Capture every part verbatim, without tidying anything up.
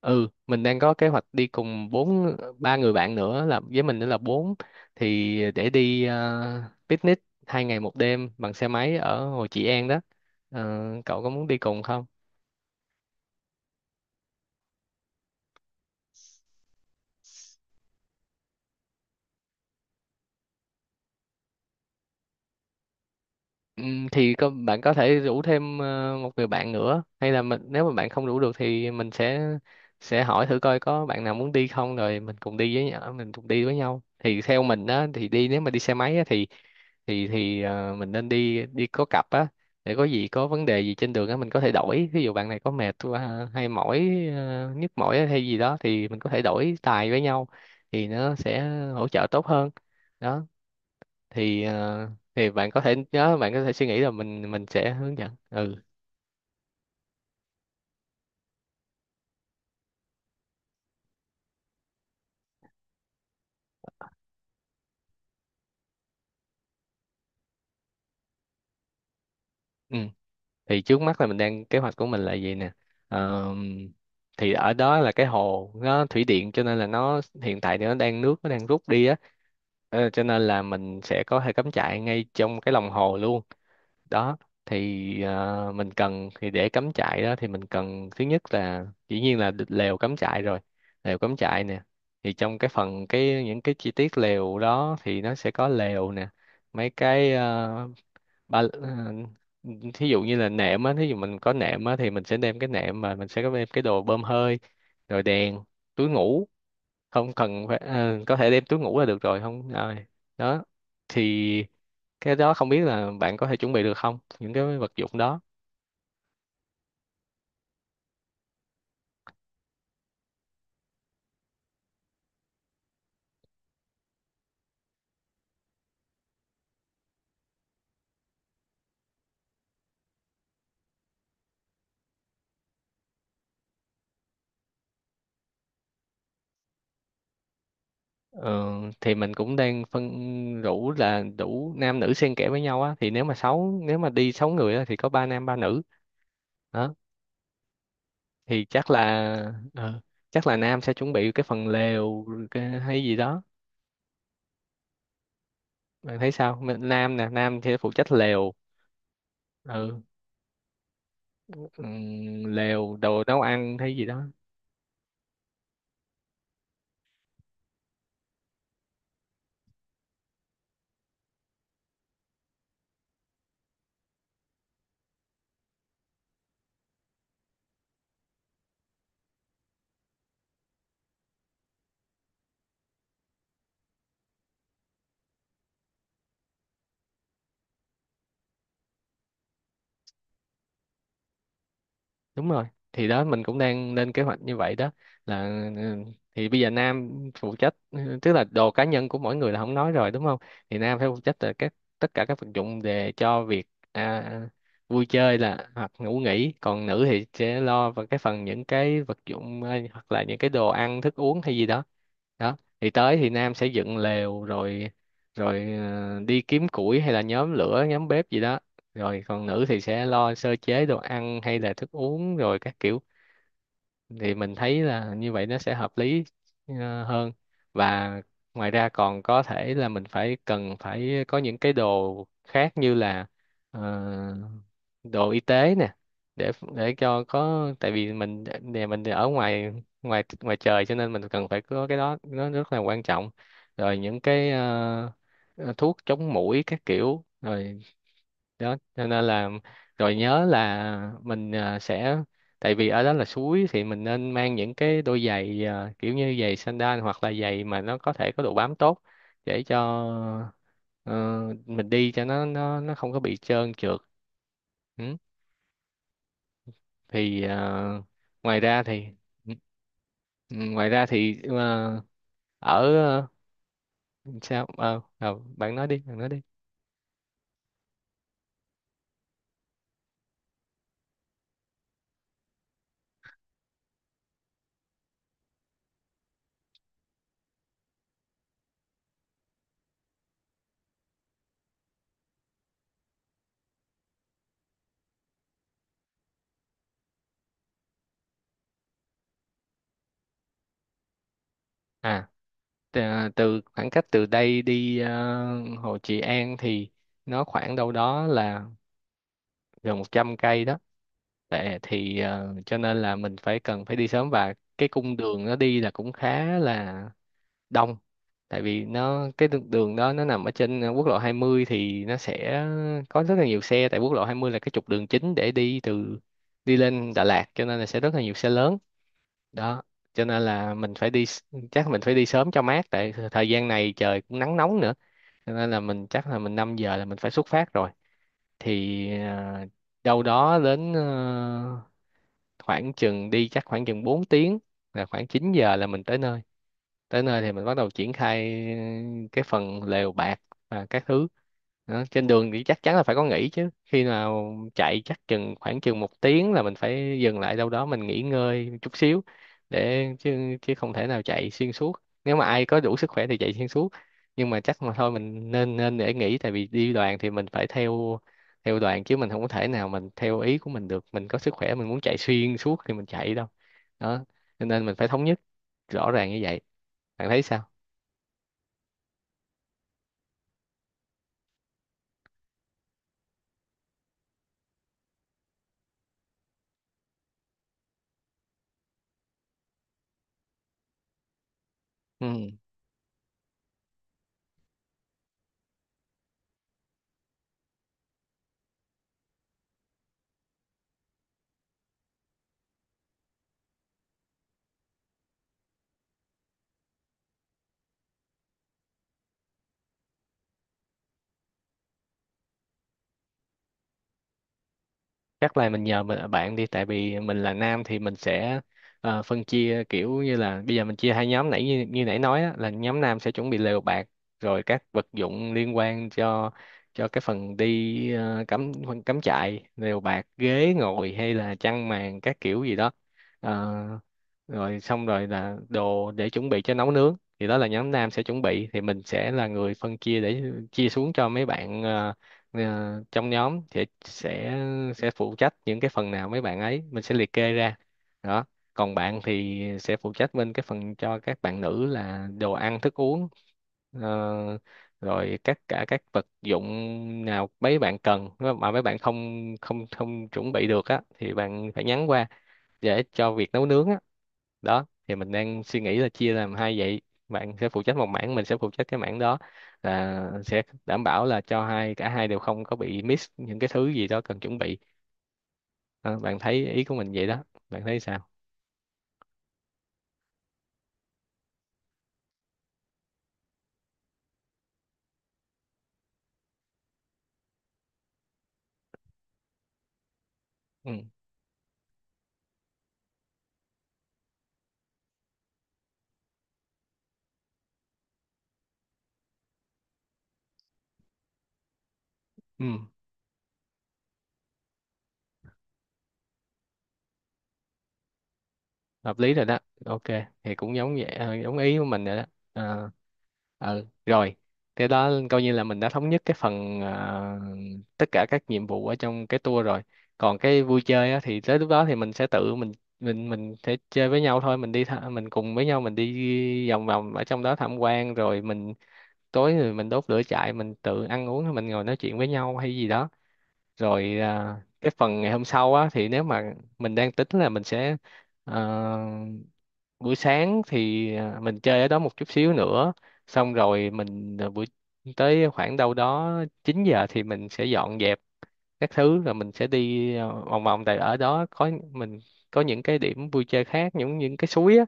Ừ, mình đang có kế hoạch đi cùng bốn ba người bạn nữa, là với mình nữa là bốn, thì để đi ờ, picnic hai ngày một đêm bằng xe máy ở Hồ Trị An đó. Ờ, Cậu có muốn đi cùng không? Ừm, thì có, bạn có thể rủ thêm ờ, một người bạn nữa, hay là mình nếu mà bạn không rủ được thì mình sẽ sẽ hỏi thử coi có bạn nào muốn đi không, rồi mình cùng đi với nhau mình cùng đi với nhau. Thì theo mình á thì đi, nếu mà đi xe máy á, thì thì thì ờ, mình nên đi đi có cặp á, để có gì, có vấn đề gì trên đường á mình có thể đổi. Ví dụ bạn này có mệt quá, hay mỏi, ờ, nhức mỏi hay gì đó thì mình có thể đổi tài với nhau, thì nó sẽ hỗ trợ tốt hơn đó. Thì ờ, thì bạn có thể nhớ, bạn có thể suy nghĩ là mình mình sẽ hướng dẫn. Ừ, ừ. Thì trước mắt là mình đang, kế hoạch của mình là gì nè. Ờ, thì ở đó là cái hồ nó thủy điện, cho nên là nó hiện tại thì nó đang, nước nó đang rút đi á. Ờ, cho nên là mình sẽ có thể cắm trại ngay trong cái lòng hồ luôn đó. Thì ờ, mình cần, thì để cắm trại đó thì mình cần thứ nhất là dĩ nhiên là đ- lều cắm trại rồi, lều cắm trại nè. Thì trong cái phần, cái những cái chi tiết lều đó thì nó sẽ có lều nè, mấy cái ờ, ba ờ, thí dụ như là nệm á, thí dụ mình có nệm á thì mình sẽ đem cái nệm, mà mình sẽ có đem cái đồ bơm hơi, rồi đèn, túi ngủ, không cần phải ờ, có thể đem túi ngủ là được rồi. Không rồi đó. Thì cái đó không biết là bạn có thể chuẩn bị được không, những cái vật dụng đó. Ờ, thì mình cũng đang phân, rủ là đủ nam nữ xen kẽ với nhau á, thì nếu mà sáu, nếu mà đi sáu người á, thì có ba nam ba nữ đó. Thì chắc là ờ, chắc là nam sẽ chuẩn bị cái phần lều, cái hay gì đó. Bạn thấy sao? Mình nam nè, nam thì phụ trách lều. Ừ. Ừm, lều, đồ nấu ăn hay gì đó. Đúng rồi, thì đó mình cũng đang lên kế hoạch như vậy đó, là ừ, thì bây giờ nam phụ trách, ừ, tức là đồ cá nhân của mỗi người là không nói rồi, đúng không? Thì nam phải phụ trách là các, tất cả các vật dụng để cho việc, à, vui chơi là hoặc ngủ nghỉ, còn nữ thì sẽ lo vào cái phần những cái vật dụng, ờ, hoặc là những cái đồ ăn thức uống hay gì đó đó. Thì tới thì nam sẽ dựng lều rồi, rồi ờ, đi kiếm củi hay là nhóm lửa, nhóm bếp gì đó. Rồi còn nữ thì sẽ lo sơ chế đồ ăn hay là thức uống rồi các kiểu. Thì mình thấy là như vậy nó sẽ hợp lý ờ, hơn. Và ngoài ra còn có thể là mình phải, cần phải có những cái đồ khác như là ờ, đồ y tế nè, để để cho có, tại vì mình, nhà mình thì ở ngoài, ngoài ngoài trời cho nên mình cần phải có cái đó, nó rất là quan trọng. Rồi những cái ờ, ờ, thuốc chống muỗi các kiểu rồi đó, cho nên là rồi nhớ là mình ờ, sẽ, tại vì ở đó là suối thì mình nên mang những cái đôi giày, ờ, kiểu như giày sandal, hoặc là giày mà nó có thể có độ bám tốt, để cho ờ, mình đi cho nó, nó nó không có bị trơn trượt. Ừ. thì ờ, ngoài ra thì ngoài ra thì, ờ, ở ờ, sao? Ờ, ờ, Bạn nói đi, bạn nói đi. à tà- Từ khoảng cách từ đây đi ờ, Hồ Trị An thì nó khoảng đâu đó là gần một trăm cây đó. Tệ thì, ờ, cho nên là mình phải, cần phải đi sớm, và cái cung đường nó đi là cũng khá là đông. Tại vì nó, cái đường đường đó nó nằm ở trên ờ, quốc lộ hai mươi thì nó sẽ có rất là nhiều xe, tại quốc lộ hai mươi là cái trục đường chính để đi từ, đi lên Đà Lạt, cho nên là sẽ rất là nhiều xe lớn đó. Cho nên là mình phải đi s- chắc mình phải đi sớm cho mát, tại th- thời gian này trời cũng nắng nóng nữa, cho nên là mình, chắc là mình năm giờ là mình phải xuất phát rồi. Thì à, đâu đó đến, ờ, khoảng chừng đi chắc khoảng chừng bốn tiếng là khoảng chín giờ là mình tới nơi. Tới nơi thì mình bắt đầu triển khai cái phần lều bạt và các thứ đó. Trên đường thì chắc chắn là phải có nghỉ chứ, khi nào chạy chắc chừng khoảng chừng một tiếng là mình phải dừng lại đâu đó, mình nghỉ ngơi chút xíu, để chứ chứ không thể nào chạy xuyên suốt. Nếu mà ai có đủ sức khỏe thì chạy xuyên suốt, nhưng mà chắc mà thôi mình nên, nên để nghỉ, tại vì đi đoàn thì mình phải theo, theo đoàn chứ mình không có thể nào mình theo ý của mình được. Mình có sức khỏe mình muốn chạy xuyên suốt thì mình chạy, đâu đó. Cho nên mình phải thống nhất rõ ràng như vậy. Bạn thấy sao? Ừ. Chắc là mình nhờ mình, bạn đi, tại vì mình là nam thì mình sẽ ờ, phân chia, kiểu như là bây giờ mình chia hai nhóm, nãy như, như nãy nói á, là nhóm nam sẽ chuẩn bị lều bạt, rồi các vật dụng liên quan cho cho cái phần đi, ờ, cắm cắm trại, lều bạt, ghế ngồi hay là chăn màn các kiểu gì đó. Ờ, Rồi xong rồi là đồ để chuẩn bị cho nấu nướng, thì đó là nhóm nam sẽ chuẩn bị. Thì mình sẽ là người phân chia để chia xuống cho mấy bạn, ờ, Ờ, trong nhóm sẽ sẽ sẽ phụ trách những cái phần nào, mấy bạn ấy mình sẽ liệt kê ra đó. Còn bạn thì sẽ phụ trách bên cái phần cho các bạn nữ là đồ ăn thức uống, ờ, rồi các, cả các vật dụng nào mấy bạn cần. Nếu mà mấy bạn không không không chuẩn bị được á thì bạn phải nhắn qua, để cho việc nấu nướng á đó. Thì mình đang suy nghĩ là chia làm hai vậy, bạn sẽ phụ trách một mảng, mình sẽ phụ trách cái mảng đó, là sẽ đảm bảo là cho hai, cả hai đều không có bị miss những cái thứ gì đó cần chuẩn bị. Ờ, Bạn thấy ý của mình vậy đó. Bạn thấy sao? Ừ. Ừ. Hợp lý rồi đó, ok. Thì cũng giống vậy, ờ, giống ý của mình rồi đó. Ờ, ờ, Rồi. Thế đó, coi như là mình đã thống nhất cái phần ờ, tất cả các nhiệm vụ ở trong cái tour rồi. Còn cái vui chơi á, thì tới lúc đó thì mình sẽ tự mình, mình mình sẽ chơi với nhau thôi, mình đi tha- mình cùng với nhau, mình đi vòng vòng ở trong đó tham quan. Rồi mình tối rồi mình đốt lửa trại, mình tự ăn uống, rồi mình ngồi nói chuyện với nhau hay gì đó. Rồi ờ, cái phần ngày hôm sau á thì nếu mà mình đang tính là mình sẽ, ờ, buổi sáng thì à, mình chơi ở đó một chút xíu nữa, xong rồi mình à, buổi, tới khoảng đâu đó chín giờ thì mình sẽ dọn dẹp các thứ, rồi mình sẽ đi à, vòng vòng. Tại ở đó có mình, có những cái điểm vui chơi khác, những những cái suối á,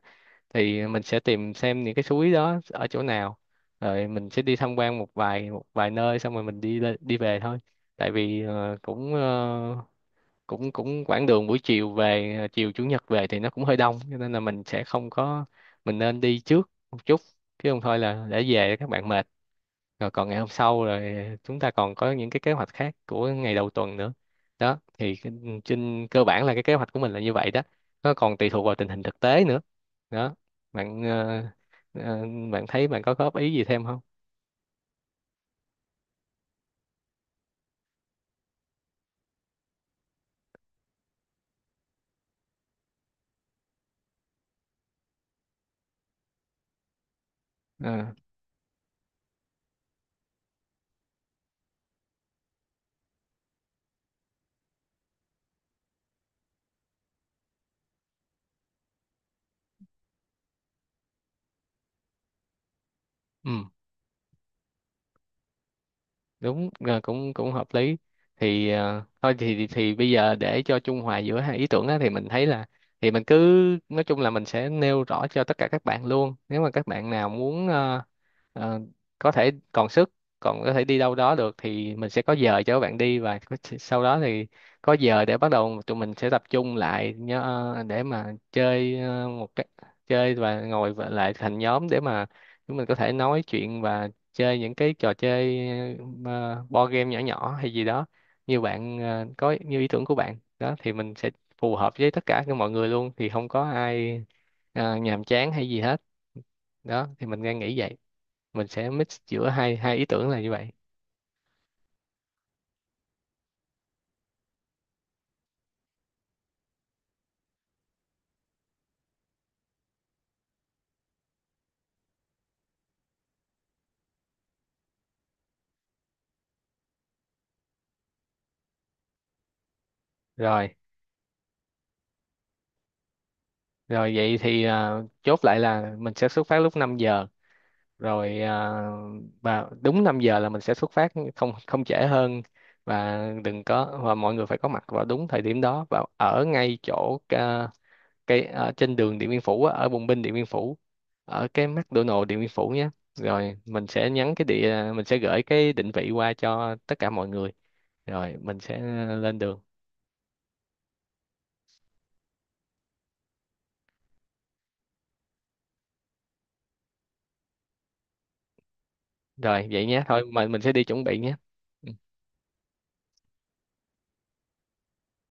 thì mình sẽ tìm xem những cái suối đó ở chỗ nào, rồi mình sẽ đi tham quan một vài một vài nơi, xong rồi mình đi lên- đi về thôi. Tại vì à, cũng, ờ, cũng cũng quãng đường buổi chiều về, ờ, chiều chủ nhật về thì nó cũng hơi đông, cho nên là mình sẽ không có, mình nên đi trước một chút, chứ không thôi là để về các bạn mệt, rồi còn ngày hôm sau rồi chúng ta còn có những cái kế hoạch khác của ngày đầu tuần nữa đó. Thì cái- trên cơ bản là cái kế hoạch của mình là như vậy đó, nó còn tùy thuộc vào tình hình thực tế nữa đó. bạn ờ, ờ, Bạn thấy, bạn có góp ý gì thêm không? Ờ, ừ, đúng, à, cũng cũng hợp lý. Thì à, thôi thì thì thì bây giờ, để cho trung hòa giữa hai ý tưởng á, thì mình thấy là, thì mình cứ, nói chung là mình sẽ nêu rõ cho tất cả các bạn luôn, nếu mà các bạn nào muốn ờ, ờ, có thể còn sức, còn có thể đi đâu đó được thì mình sẽ có giờ cho các bạn đi, và có- sau đó thì có giờ để bắt đầu tụi mình sẽ tập trung lại. Nhớ, ờ, để mà chơi, ờ, một cái chơi và ngồi và lại thành nhóm để mà chúng mình có thể nói chuyện và chơi những cái trò chơi, ờ, board game nhỏ nhỏ hay gì đó, như bạn ờ, có như ý tưởng của bạn đó thì mình sẽ phù hợp với tất cả các mọi người luôn, thì không có ai ờ, nhàm chán hay gì hết đó. Thì mình đang nghĩ vậy, mình sẽ mix giữa hai hai ý tưởng là như vậy. Rồi Rồi vậy thì ờ, chốt lại là mình sẽ xuất phát lúc năm giờ. Rồi ờ, và đúng năm giờ là mình sẽ xuất phát, không không trễ hơn, và đừng có và mọi người phải có mặt vào đúng thời điểm đó, và ở ngay chỗ, ờ, cái ở trên đường Điện Biên Phủ á, ở Bùng Binh Điện Biên Phủ, ở cái McDonald Điện Biên Phủ nhé. Rồi mình sẽ nhắn cái địa mình sẽ gửi cái định vị qua cho tất cả mọi người, rồi mình sẽ lên đường. Rồi vậy nhé, thôi mình mình sẽ đi chuẩn bị nhé.